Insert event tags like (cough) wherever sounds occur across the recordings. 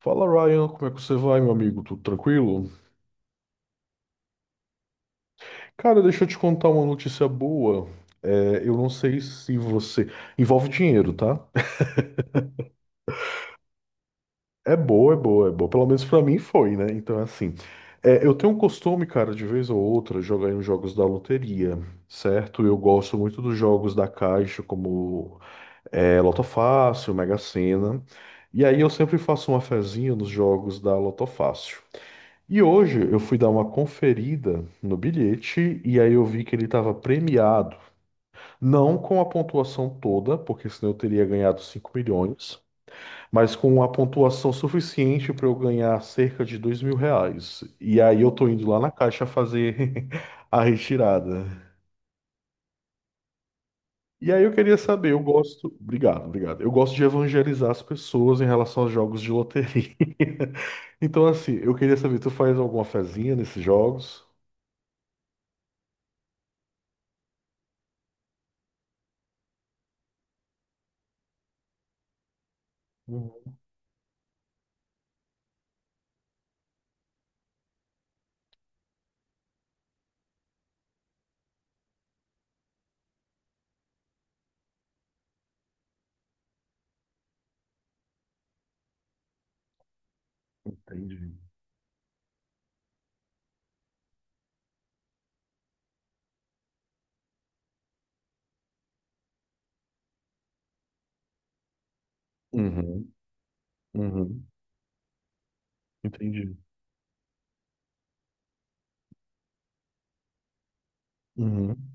Fala Ryan, como é que você vai, meu amigo? Tudo tranquilo? Cara, deixa eu te contar uma notícia boa. É, eu não sei se você. Envolve dinheiro, tá? É boa, é boa, é boa. Pelo menos pra mim foi, né? Então, é assim. Eu tenho um costume, cara, de vez ou outra, jogar em jogos da loteria, certo? Eu gosto muito dos jogos da Caixa, como Loto Fácil, Mega Sena. E aí eu sempre faço uma fezinha nos jogos da Loto Fácil. E hoje eu fui dar uma conferida no bilhete e aí eu vi que ele estava premiado, não com a pontuação toda, porque senão eu teria ganhado 5 milhões, mas com uma pontuação suficiente para eu ganhar cerca de 2 mil reais. E aí eu tô indo lá na caixa fazer (laughs) a retirada. E aí eu queria saber, eu gosto. Obrigado, obrigado. Eu gosto de evangelizar as pessoas em relação aos jogos de loteria. (laughs) Então, assim, eu queria saber, tu faz alguma fezinha nesses jogos? Hum, Entendi. Uhum, uhum. Entendi. Uhum.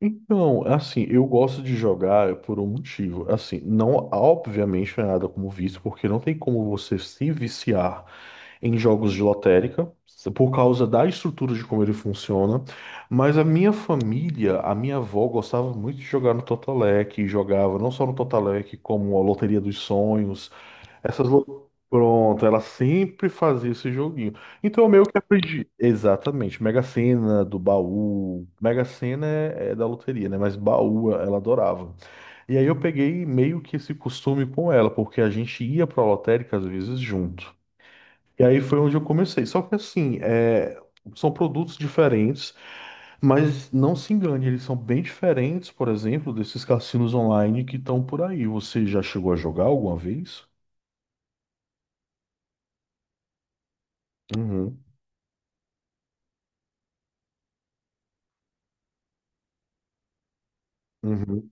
Então, é assim, eu gosto de jogar por um motivo. Assim, não, obviamente, não é nada como vício, porque não tem como você se viciar em jogos de lotérica, por causa da estrutura de como ele funciona. Mas a minha família, a minha avó, gostava muito de jogar no Totolec, e jogava não só no Totolec, como a Loteria dos Sonhos. Pronto, ela sempre fazia esse joguinho. Então eu meio que aprendi. Exatamente. Mega Sena do baú. Mega Sena é da loteria, né? Mas baú ela adorava. E aí eu peguei meio que esse costume com ela, porque a gente ia pra lotérica às vezes junto. E aí foi onde eu comecei. Só que assim, são produtos diferentes, mas não se engane, eles são bem diferentes, por exemplo, desses cassinos online que estão por aí. Você já chegou a jogar alguma vez? Uhum. Uhum.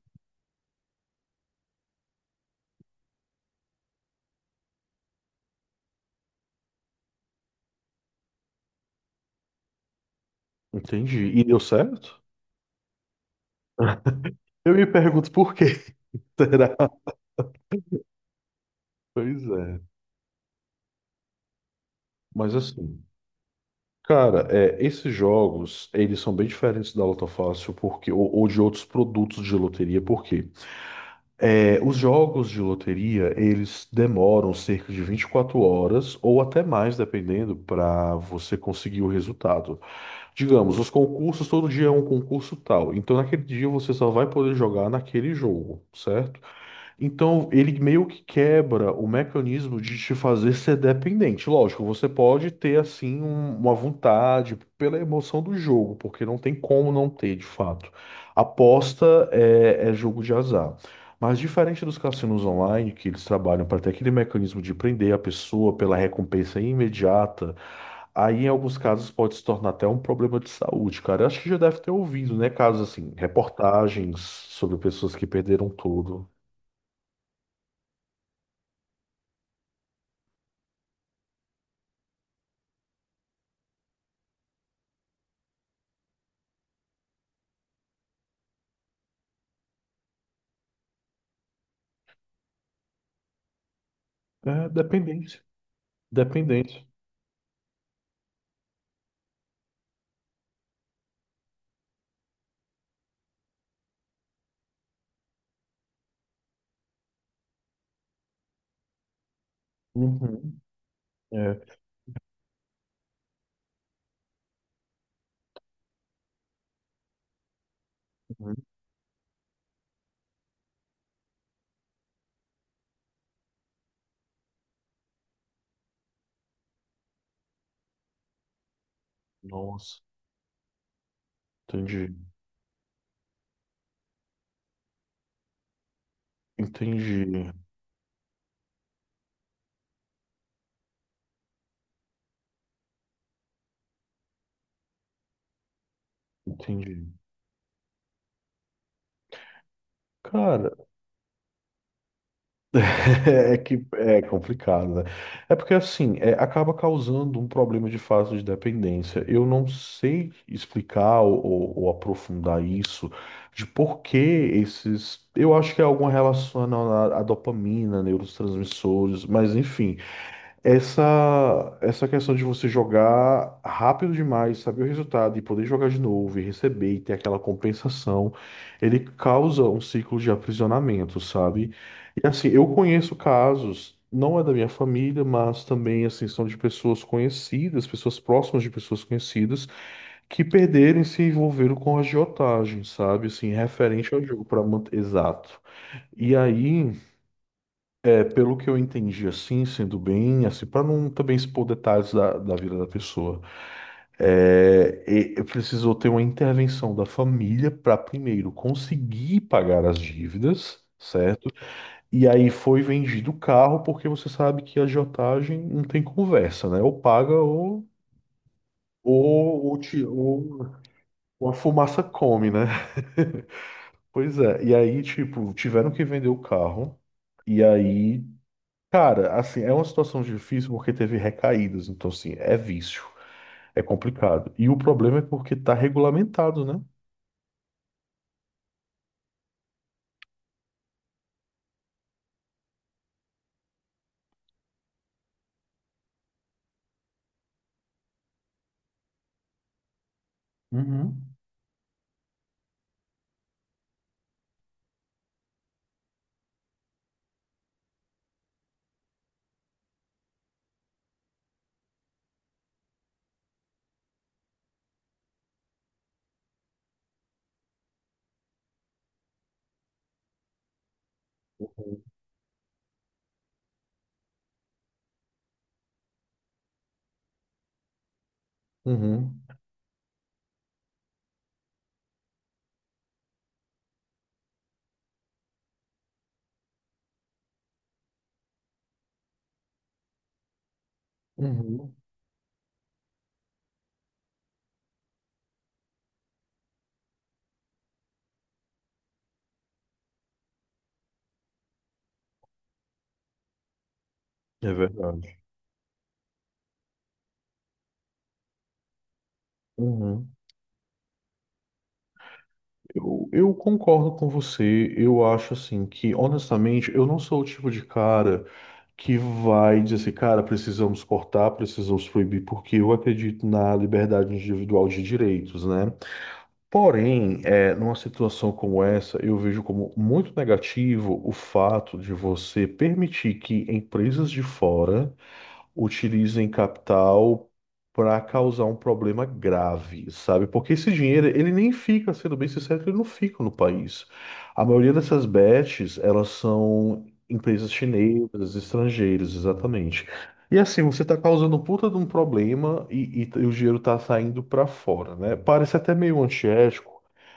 Entendi. E deu certo? Eu me pergunto por quê, (laughs) será? Pois é. Mas assim, cara, esses jogos, eles são bem diferentes da Loto Fácil porque, ou de outros produtos de loteria, porque os jogos de loteria, eles demoram cerca de 24 horas ou até mais, dependendo, para você conseguir o resultado. Digamos, os concursos, todo dia é um concurso tal. Então, naquele dia, você só vai poder jogar naquele jogo, certo? Então, ele meio que quebra o mecanismo de te fazer ser dependente. Lógico, você pode ter, assim, uma vontade pela emoção do jogo, porque não tem como não ter, de fato. Aposta é, é jogo de azar. Mas diferente dos cassinos online, que eles trabalham para ter aquele mecanismo de prender a pessoa pela recompensa imediata, aí em alguns casos pode se tornar até um problema de saúde, cara. Eu acho que já deve ter ouvido, né? Casos assim, reportagens sobre pessoas que perderam tudo. É dependente. Dependente. Uhum. É. Uhum. Nossa. Entendi. Entendi. Entendi. Cara, (laughs) é que é complicado, né? É porque assim, acaba causando um problema de fase de dependência. Eu não sei explicar ou aprofundar isso de por que esses. Eu acho que é alguma relação à dopamina, neurotransmissores, mas enfim. Essa questão de você jogar rápido demais, saber o resultado e poder jogar de novo e receber e ter aquela compensação, ele causa um ciclo de aprisionamento, sabe? E assim, eu conheço casos, não é da minha família, mas também assim, são de pessoas conhecidas, pessoas próximas de pessoas conhecidas, que perderam e se envolveram com agiotagem, sabe? Assim, referente ao jogo para manter. Exato. E aí. É, pelo que eu entendi, assim, sendo bem, assim, para não também expor detalhes da vida da pessoa, e precisou ter uma intervenção da família para primeiro conseguir pagar as dívidas, certo? E aí foi vendido o carro, porque você sabe que a agiotagem não tem conversa, né? Ou paga ou, ou, te- ou- ou a fumaça come, né? (laughs) Pois é, e aí, tipo, tiveram que vender o carro. E aí, cara, assim, é uma situação difícil porque teve recaídas, então assim, é vício, é complicado. E o problema é porque tá regulamentado, né? Uhum. Uhum, uhum. É verdade. Uhum. Eu concordo com você. Eu acho assim que, honestamente, eu não sou o tipo de cara que vai dizer assim, cara, precisamos cortar, precisamos proibir, porque eu acredito na liberdade individual de direitos, né? Porém, numa situação como essa, eu vejo como muito negativo o fato de você permitir que empresas de fora utilizem capital para causar um problema grave, sabe? Porque esse dinheiro, ele nem fica, sendo bem sincero, ele não fica no país. A maioria dessas bets, elas são empresas chinesas, estrangeiras, exatamente. E assim, você está causando um puta de um problema e o dinheiro está saindo para fora, né? Parece até meio antiético,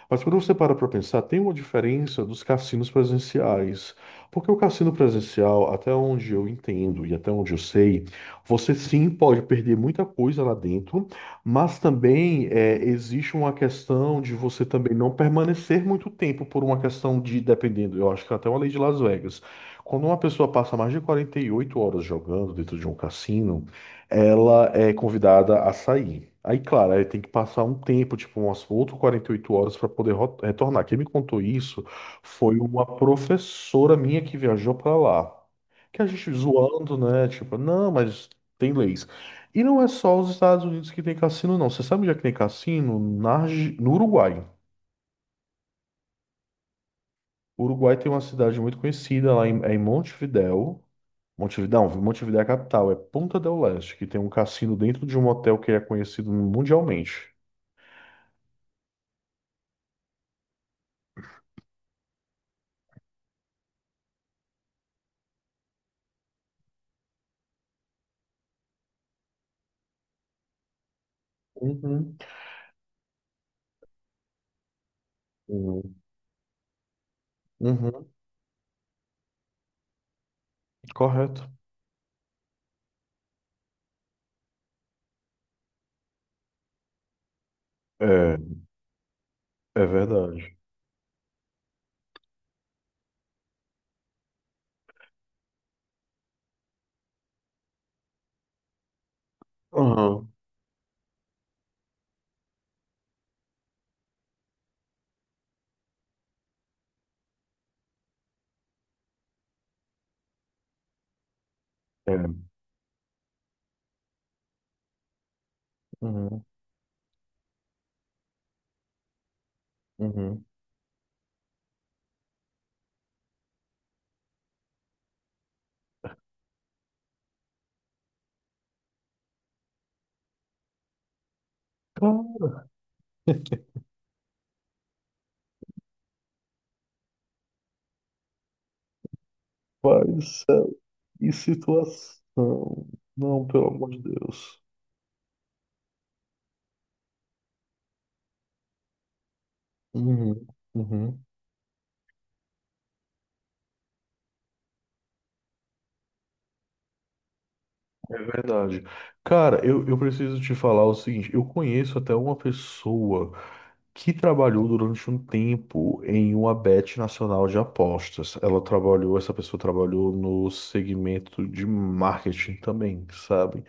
mas quando você para para pensar, tem uma diferença dos cassinos presenciais. Porque o cassino presencial, até onde eu entendo e até onde eu sei, você sim pode perder muita coisa lá dentro, mas também é, existe uma questão de você também não permanecer muito tempo por uma questão de, dependendo, eu acho que até uma lei de Las Vegas. Quando uma pessoa passa mais de 48 horas jogando dentro de um cassino, ela é convidada a sair. Aí, claro, aí tem que passar um tempo, tipo umas outras 48 horas para poder retornar. Quem me contou isso foi uma professora minha que viajou para lá que a gente zoando, né? Tipo, não, mas tem leis. E não é só os Estados Unidos que tem cassino, não. Você sabe onde é que tem cassino? No Uruguai. O Uruguai tem uma cidade muito conhecida lá em Montevidéu. Montevidéu, não, Montevidéu é a capital, é Punta del Este, que tem um cassino dentro de um hotel que é conhecido mundialmente. Uhum. Uhum. Uhum. Correto. É, é verdade. Uhum. É. Uhum. Uhum. Cara, (laughs) pai do céu, que situação. Não, pelo amor de Deus. Uhum, uhum. É verdade. Cara, eu preciso te falar o seguinte: eu conheço até uma pessoa que trabalhou durante um tempo em uma bet nacional de apostas. Ela trabalhou, essa pessoa trabalhou no segmento de marketing também, sabe?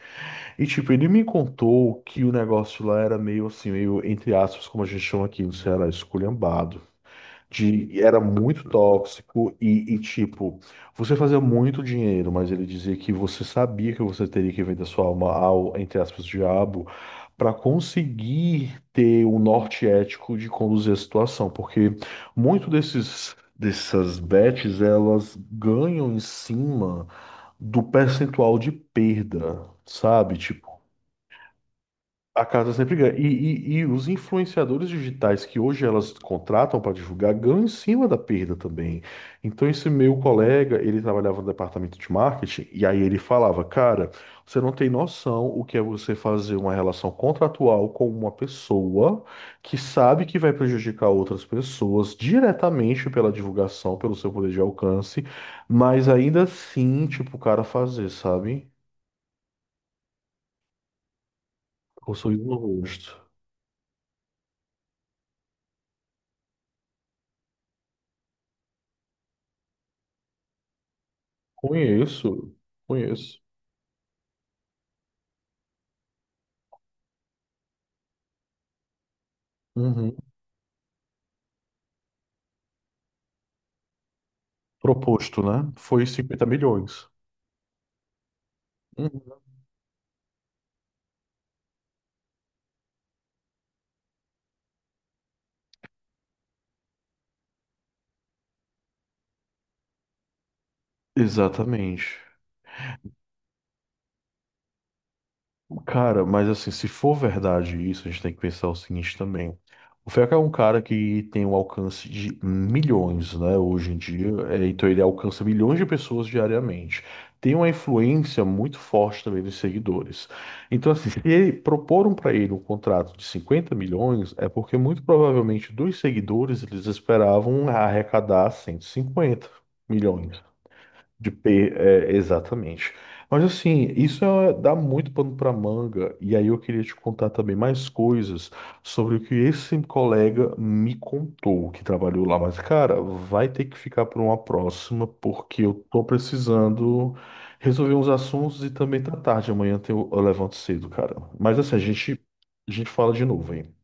E tipo, ele me contou que o negócio lá era meio assim, meio entre aspas, como a gente chama aqui no Ceará, esculhambado. Era muito tóxico e, tipo, você fazia muito dinheiro, mas ele dizia que você sabia que você teria que vender sua alma ao, entre aspas, diabo, para conseguir ter o norte ético de conduzir a situação, porque muito desses dessas bets, elas ganham em cima do percentual de perda, sabe? Tipo, a casa sempre ganha. E os influenciadores digitais que hoje elas contratam para divulgar ganham em cima da perda também. Então, esse meu colega, ele trabalhava no departamento de marketing, e aí ele falava: Cara, você não tem noção o que é você fazer uma relação contratual com uma pessoa que sabe que vai prejudicar outras pessoas diretamente pela divulgação, pelo seu poder de alcance, mas ainda assim, tipo, o cara fazer, sabe? Com um sorriso no rosto. Conheço, conheço. Uhum. Proposto, né? Foi 50 milhões. Uhum. Exatamente. Cara, mas assim, se for verdade isso, a gente tem que pensar o seguinte também. O FECA é um cara que tem um alcance de milhões, né, hoje em dia. É, então ele alcança milhões de pessoas diariamente. Tem uma influência muito forte também dos seguidores. Então, assim, se proporam para ele um contrato de 50 milhões, é porque muito provavelmente dos seguidores eles esperavam arrecadar 150 milhões. De P, é, exatamente. Mas assim, isso é- dá muito pano para manga, e aí eu queria te contar também mais coisas sobre o que esse colega me contou que trabalhou lá. Mas, cara, vai ter que ficar para uma próxima, porque eu tô precisando resolver uns assuntos e também tá tarde. Amanhã eu levanto cedo, cara. Mas assim, a gente fala de novo, hein?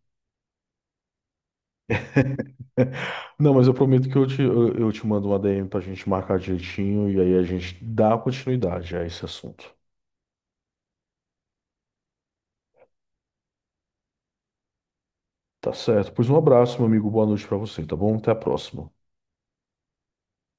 (laughs) Não, mas eu prometo que eu te eu te mando uma DM pra gente marcar direitinho e aí a gente dá continuidade a esse assunto. Tá certo. Pois um abraço, meu amigo. Boa noite pra você, tá bom? Até a próxima.